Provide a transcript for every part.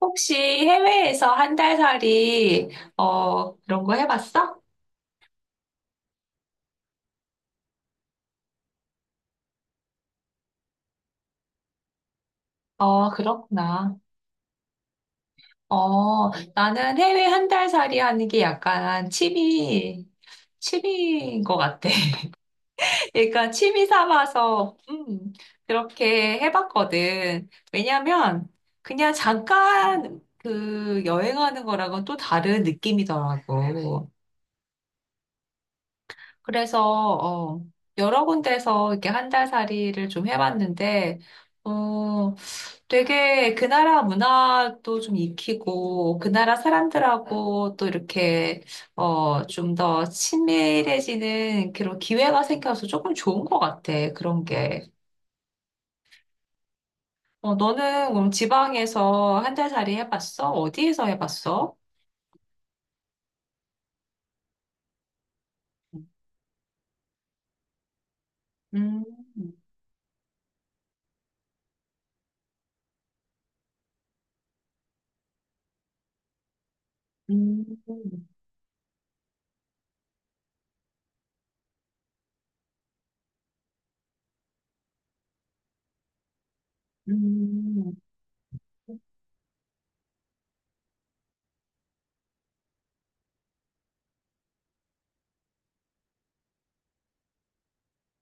혹시 해외에서 한 달 살이, 그런 거 해봤어? 어, 그렇구나. 나는 해외 한 달 살이 하는 게 약간 취미인 것 같아. 그러니까 취미 삼아서, 그렇게 해봤거든. 왜냐면, 그냥 잠깐 그 여행하는 거랑은 또 다른 느낌이더라고. 그래서, 어, 여러 군데서 이렇게 한 달 살이를 좀 해봤는데, 어, 되게 그 나라 문화도 좀 익히고, 그 나라 사람들하고 또 이렇게, 좀 더 친밀해지는 그런 기회가 생겨서 조금 좋은 것 같아, 그런 게. 어, 너는 그럼 지방에서 한 달 살이 해봤어? 어디에서 해봤어? 음, 음, 음.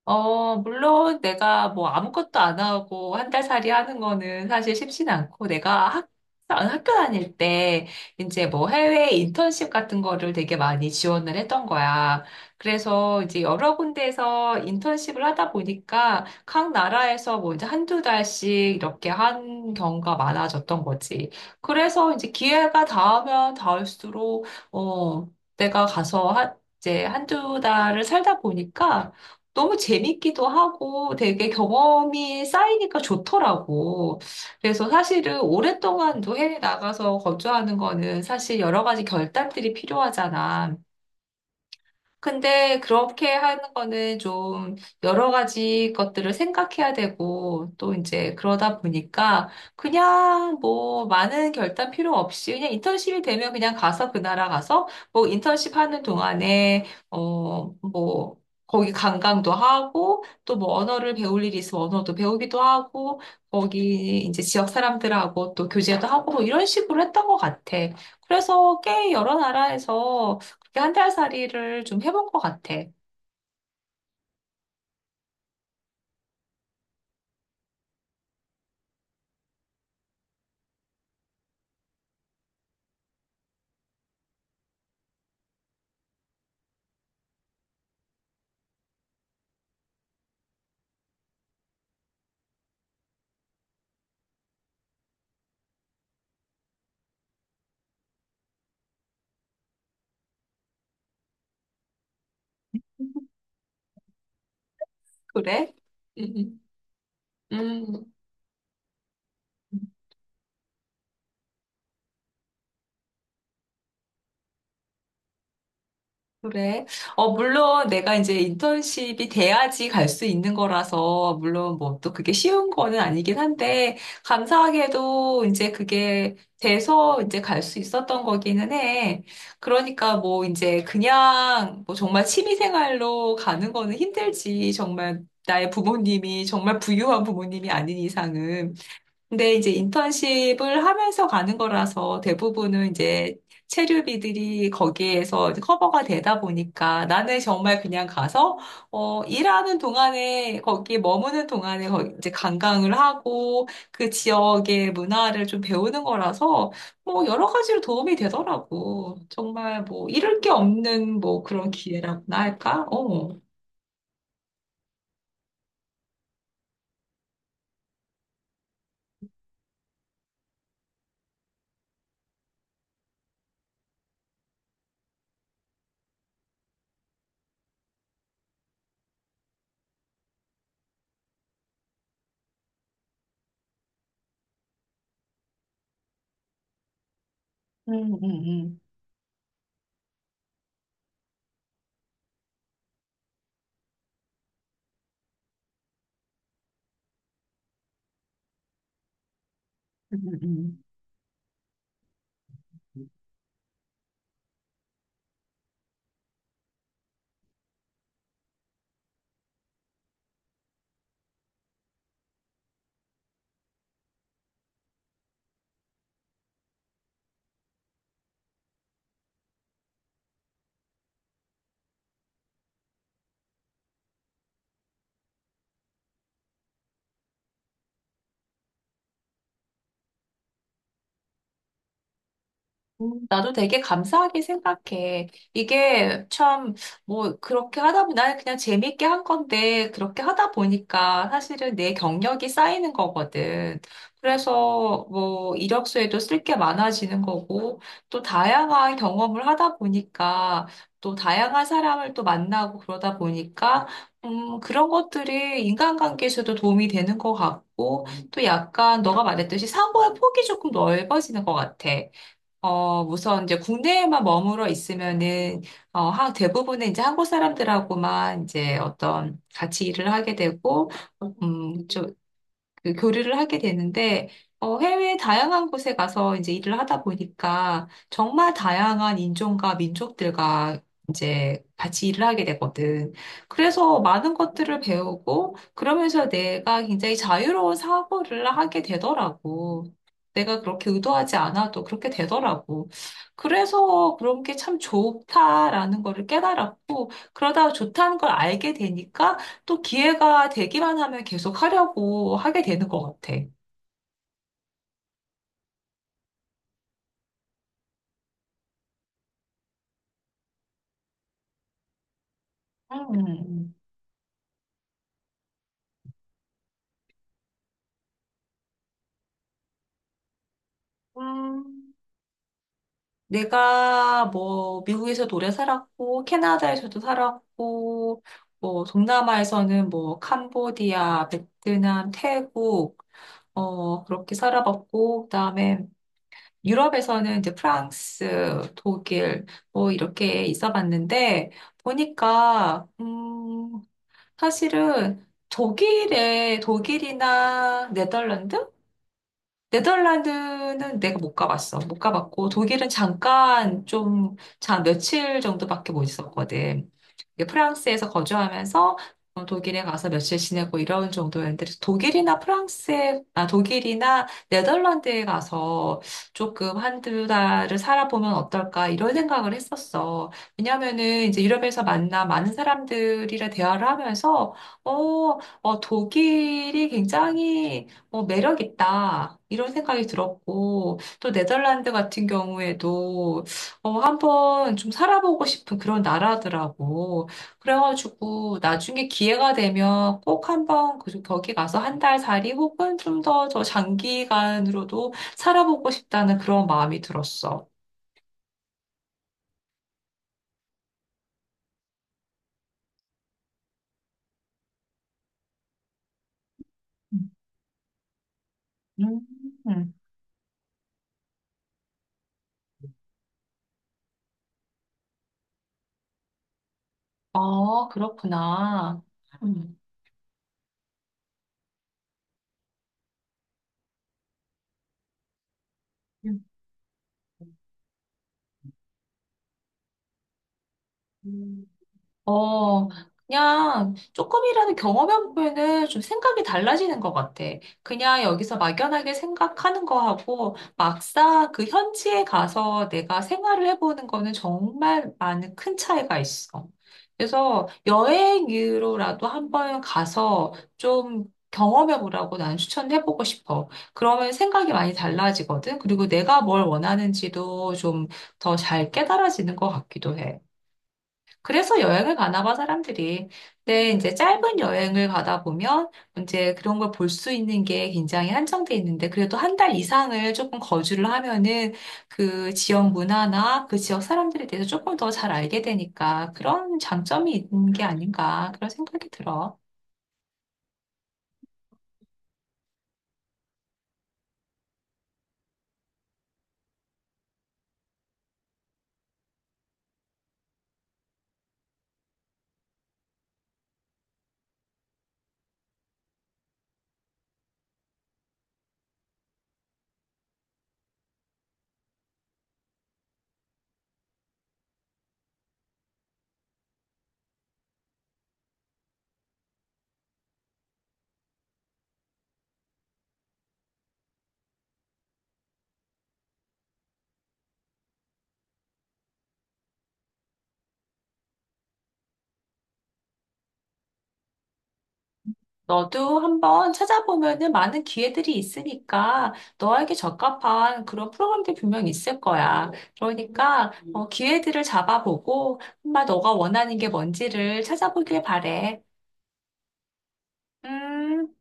물론 내가 뭐 아무것도 안 하고 한 달 살이 하는 거는 사실 쉽진 않고 내가 학교 다닐 때 이제 뭐 해외 인턴십 같은 거를 되게 많이 지원을 했던 거야. 그래서 이제 여러 군데에서 인턴십을 하다 보니까 각 나라에서 뭐 이제 한두 달씩 이렇게 한 경우가 많아졌던 거지. 그래서 이제 기회가 닿으면 닿을수록 어, 내가 가서 한 이제 한두 달을 살다 보니까 너무 재밌기도 하고 되게 경험이 쌓이니까 좋더라고. 그래서 사실은 오랫동안도 해외 나가서 거주하는 거는 사실 여러 가지 결단들이 필요하잖아. 근데 그렇게 하는 거는 좀 여러 가지 것들을 생각해야 되고 또 이제 그러다 보니까 그냥 뭐 많은 결단 필요 없이 그냥 인턴십이 되면 그냥 가서 그 나라 가서 뭐 인턴십 하는 동안에 뭐 거기 관광도 하고 또 뭐 언어를 배울 일이 있으면 언어도 배우기도 하고 거기 이제 지역 사람들하고 또 교제도 하고 뭐 이런 식으로 했던 것 같아. 그래서 꽤 여러 나라에서 한달살이를 좀 해본 것 같아. 그래? 음, 음, 음, 그래. 물론 내가 이제 인턴십이 돼야지 갈 수 있는 거라서, 물론 뭐 또 그게 쉬운 거는 아니긴 한데, 감사하게도 이제 그게 돼서 이제 갈 수 있었던 거기는 해. 그러니까 뭐 이제 그냥 뭐 정말 취미생활로 가는 거는 힘들지. 정말 나의 부모님이 정말 부유한 부모님이 아닌 이상은. 근데 이제 인턴십을 하면서 가는 거라서 대부분은 이제 체류비들이 거기에서 이제 커버가 되다 보니까 나는 정말 그냥 가서 일하는 동안에 거기 머무는 동안에 이제 관광을 하고 그 지역의 문화를 좀 배우는 거라서 뭐 여러 가지로 도움이 되더라고. 정말 뭐 잃을 게 없는 뭐 그런 기회라고나 할까? 어. 음, 음. 음, 음. 나도 되게 감사하게 생각해. 이게 참, 뭐, 그렇게 하다 보니, 나는 그냥 재밌게 한 건데, 그렇게 하다 보니까 사실은 내 경력이 쌓이는 거거든. 그래서 뭐, 이력서에도 쓸 게 많아지는 거고, 또 다양한 경험을 하다 보니까, 또 다양한 사람을 또 만나고 그러다 보니까, 그런 것들이 인간관계에서도 도움이 되는 것 같고, 또 약간 너가 말했듯이 사고의 폭이 조금 넓어지는 것 같아. 우선 이제 국내에만 머물러 있으면은, 대부분은 이제 한국 사람들하고만 이제 어떤 같이 일을 하게 되고, 음, 그 교류를 하게 되는데, 해외 다양한 곳에 가서 이제 일을 하다 보니까 정말 다양한 인종과 민족들과 이제 같이 일을 하게 되거든. 그래서 많은 것들을 배우고 그러면서 내가 굉장히 자유로운 사고를 하게 되더라고. 내가 그렇게 의도하지 않아도 그렇게 되더라고. 그래서 그런 게 참 좋다라는 거를 깨달았고, 그러다 좋다는 걸 알게 되니까 또 기회가 되기만 하면 계속 하려고 하게 되는 것 같아. 음. 음, 내가 뭐 미국에서 오래 살았고 캐나다에서도 살았고 뭐 동남아에서는 뭐 캄보디아, 베트남, 태국 그렇게 살아봤고 그다음에 유럽에서는 이제 프랑스, 독일 뭐 이렇게 있어봤는데 보니까 사실은 독일이나 네덜란드? 네덜란드는 내가 못 가봤어. 못 가봤고, 독일은 잠깐 좀, 며칠 정도밖에 못 있었거든. 이게 프랑스에서 거주하면서 독일에 가서 며칠 지내고 이런 정도였는데, 아, 독일이나 네덜란드에 가서 조금 한두 달을 살아보면 어떨까, 이런 생각을 했었어. 왜냐면은 이제 유럽에서 만나 많은 사람들이랑 대화를 하면서, 독일이 굉장히 매력 있다. 이런 생각이 들었고, 또 네덜란드 같은 경우에도, 한번 좀 살아보고 싶은 그런 나라더라고. 그래가지고, 나중에 기회가 되면 꼭 한번 거기 가서 한 달 살이 혹은 더 장기간으로도 살아보고 싶다는 그런 마음이 들었어. 음. 음, 아, 그렇구나. 음. 음. 어, 그냥 조금이라도 경험해보면은 좀 생각이 달라지는 것 같아. 그냥 여기서 막연하게 생각하는 거하고 막상 그 현지에 가서 내가 생활을 해보는 거는 정말 많은 큰 차이가 있어. 그래서 여행으로라도 한번 가서 좀 경험해보라고 난 추천해보고 싶어. 그러면 생각이 많이 달라지거든. 그리고 내가 뭘 원하는지도 좀 더 잘 깨달아지는 것 같기도 해. 그래서 여행을 가나 봐, 사람들이. 근데 이제 짧은 여행을 가다 보면 이제 그런 걸 볼 수 있는 게 굉장히 한정돼 있는데 그래도 한 달 이상을 조금 거주를 하면은 그 지역 문화나 그 지역 사람들에 대해서 조금 더 잘 알게 되니까 그런 장점이 있는 게 아닌가 그런 생각이 들어. 너도 한번 찾아보면은 많은 기회들이 있으니까 너에게 적합한 그런 프로그램들이 분명히 있을 거야. 그러니까 기회들을 잡아보고 정말 너가 원하는 게 뭔지를 찾아보길 바래. 음.